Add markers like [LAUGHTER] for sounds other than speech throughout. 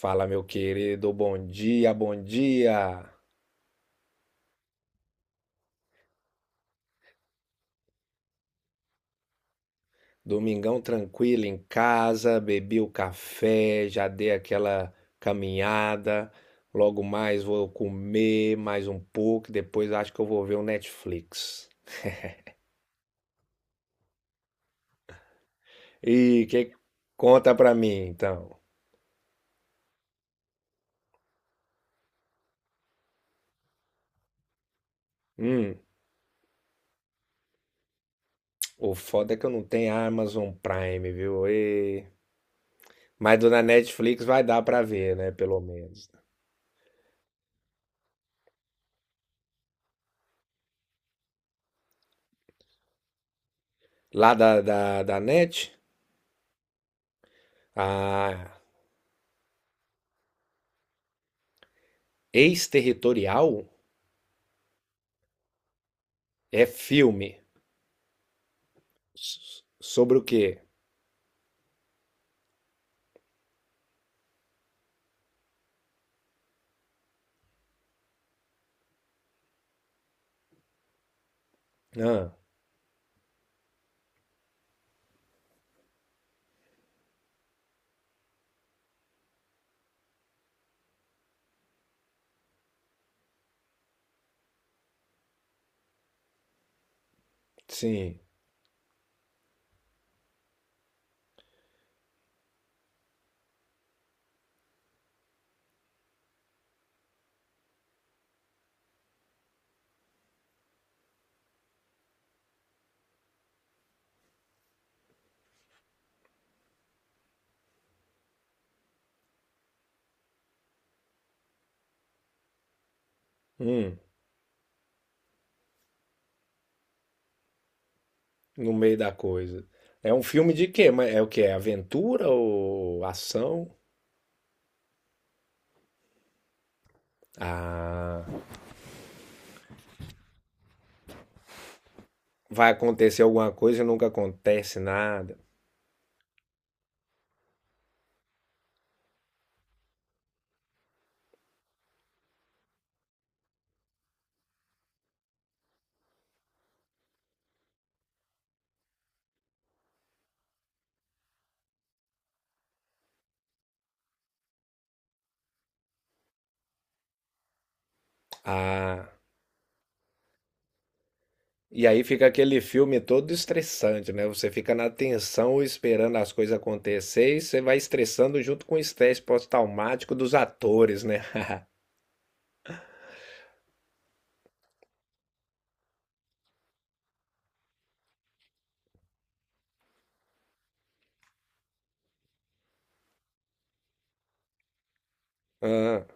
Fala, meu querido, bom dia, bom dia. Domingão tranquilo em casa, bebi o café, já dei aquela caminhada. Logo mais vou comer mais um pouco, e depois acho que eu vou ver o Netflix. E que conta pra mim, então? Hum, o foda é que eu não tenho Amazon Prime, viu? E... mas do da Netflix vai dar pra ver, né? Pelo menos. Lá da Net? Ah, Exterritorial é filme. Sobre o quê? Ah, sim. Hum, no meio da coisa. É um filme de quê? Mas é o quê? É aventura ou ação? Ah, vai acontecer alguma coisa e nunca acontece nada. Ah, e aí fica aquele filme todo estressante, né? Você fica na tensão esperando as coisas acontecer e você vai estressando junto com o estresse pós-traumático dos atores, né? Ah.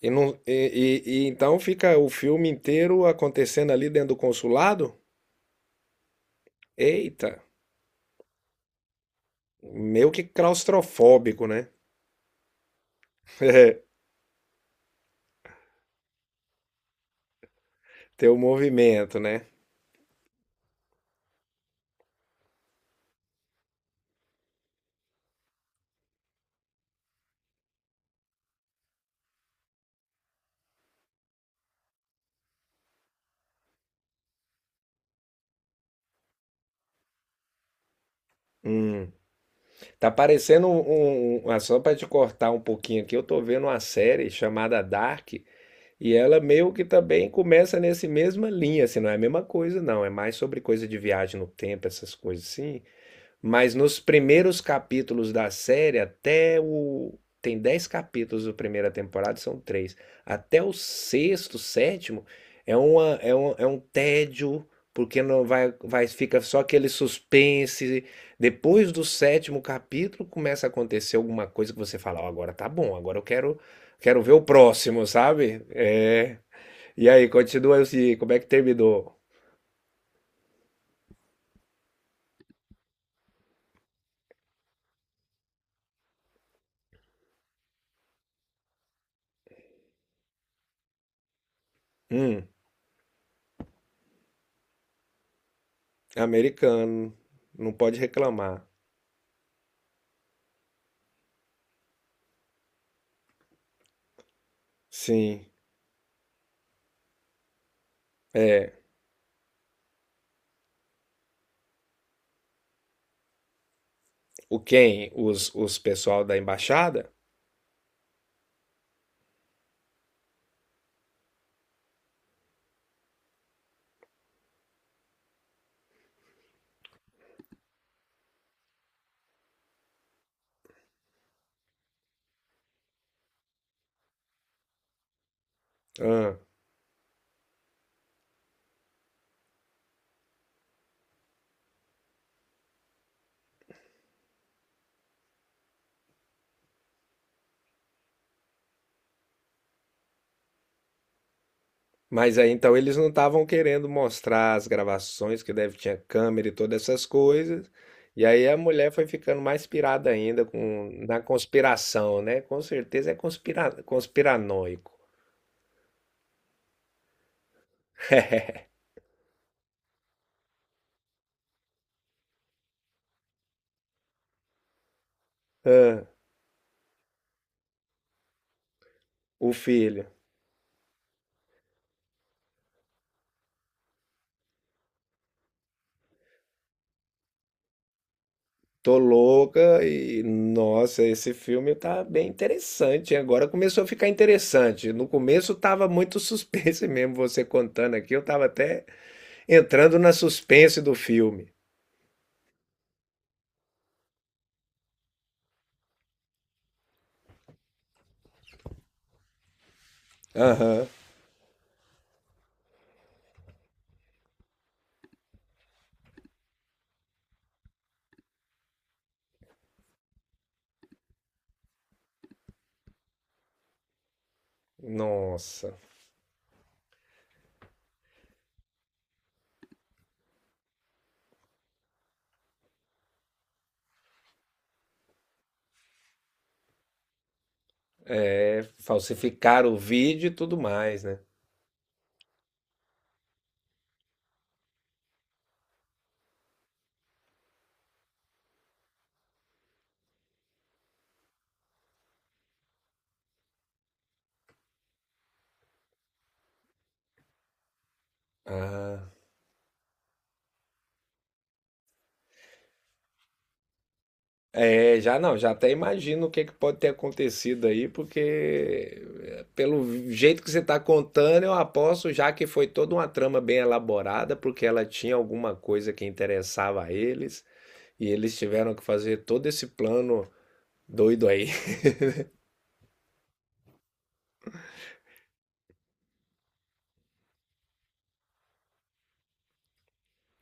E, não, e então fica o filme inteiro acontecendo ali dentro do consulado? Eita, meio que claustrofóbico, né? Ter o movimento, né? Hum. Tá parecendo um. Só para te cortar um pouquinho aqui, eu tô vendo uma série chamada Dark e ela meio que também começa nesse mesma linha, assim, não é a mesma coisa, não. É mais sobre coisa de viagem no tempo, essas coisas assim. Mas nos primeiros capítulos da série, até o. Tem 10 capítulos da primeira temporada, são três. Até o sexto, sétimo, é um tédio, porque não fica só aquele suspense. Depois do sétimo capítulo, começa a acontecer alguma coisa que você fala, ó, agora tá bom, agora quero ver o próximo, sabe? É. E aí, continua assim, como é que terminou? Hum, americano, não pode reclamar. Sim. É, o quem? Os pessoal da embaixada? Ah, mas aí então eles não estavam querendo mostrar as gravações, que deve tinha câmera e todas essas coisas. E aí a mulher foi ficando mais pirada ainda com, na conspiração, né? Com certeza é conspira, conspiranoico. Ah, o filho. Tô louca e nossa, esse filme tá bem interessante. Agora começou a ficar interessante. No começo tava muito [LAUGHS] suspense mesmo você contando aqui, eu tava até entrando na suspense do filme. Aham. Nossa, é falsificar o vídeo e tudo mais, né? Ah, é, já não, já até imagino o que que pode ter acontecido aí, porque é, pelo jeito que você está contando, eu aposto já que foi toda uma trama bem elaborada, porque ela tinha alguma coisa que interessava a eles, e eles tiveram que fazer todo esse plano doido aí. [LAUGHS]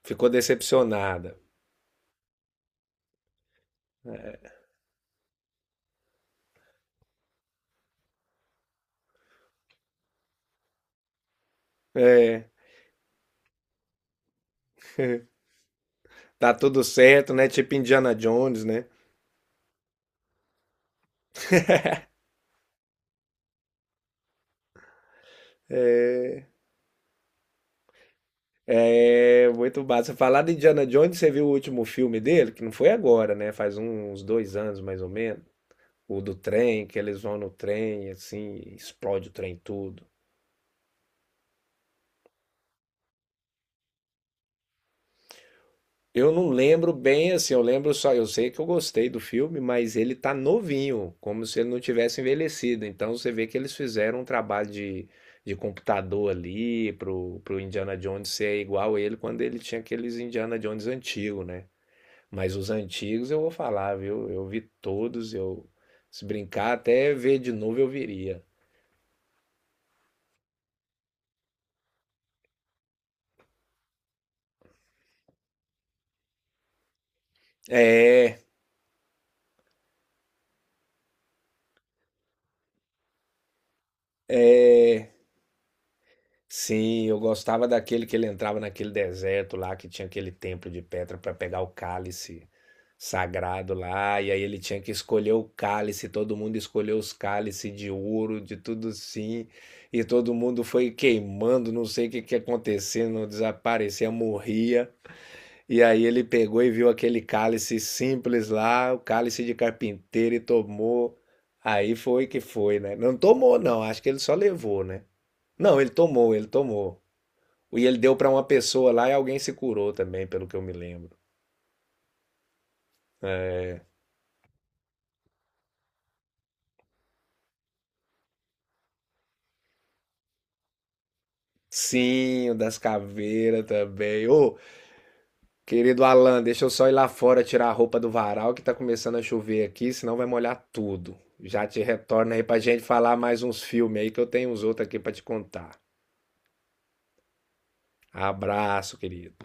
Ficou decepcionada. É, tá tudo certo, né? Tipo Indiana Jones, né? É muito massa. Falar de Indiana Jones, você viu o último filme dele? Que não foi agora, né? Faz uns 2 anos mais ou menos. O do trem, que eles vão no trem, assim, explode o trem tudo. Eu não lembro bem, assim, eu lembro só, eu sei que eu gostei do filme, mas ele tá novinho, como se ele não tivesse envelhecido. Então você vê que eles fizeram um trabalho de computador ali pro Indiana Jones ser igual ele quando ele tinha aqueles Indiana Jones antigos, né? Mas os antigos eu vou falar, viu? Eu vi todos, eu se brincar até ver de novo eu viria. É, é, sim, eu gostava daquele que ele entrava naquele deserto lá que tinha aquele templo de pedra para pegar o cálice sagrado lá, e aí ele tinha que escolher o cálice, todo mundo escolheu os cálices de ouro, de tudo sim, e todo mundo foi queimando, não sei o que que acontecia, não desaparecia, morria. E aí ele pegou e viu aquele cálice simples lá, o cálice de carpinteiro, e tomou. Aí foi que foi, né? Não tomou, não. Acho que ele só levou, né? Não, ele tomou, ele tomou. E ele deu pra uma pessoa lá e alguém se curou também, pelo que eu me lembro. Sim, o das caveiras também. Ô, querido Alan, deixa eu só ir lá fora tirar a roupa do varal que tá começando a chover aqui, senão vai molhar tudo. Já te retorno aí pra gente falar mais uns filmes aí que eu tenho uns outros aqui pra te contar. Abraço, querido.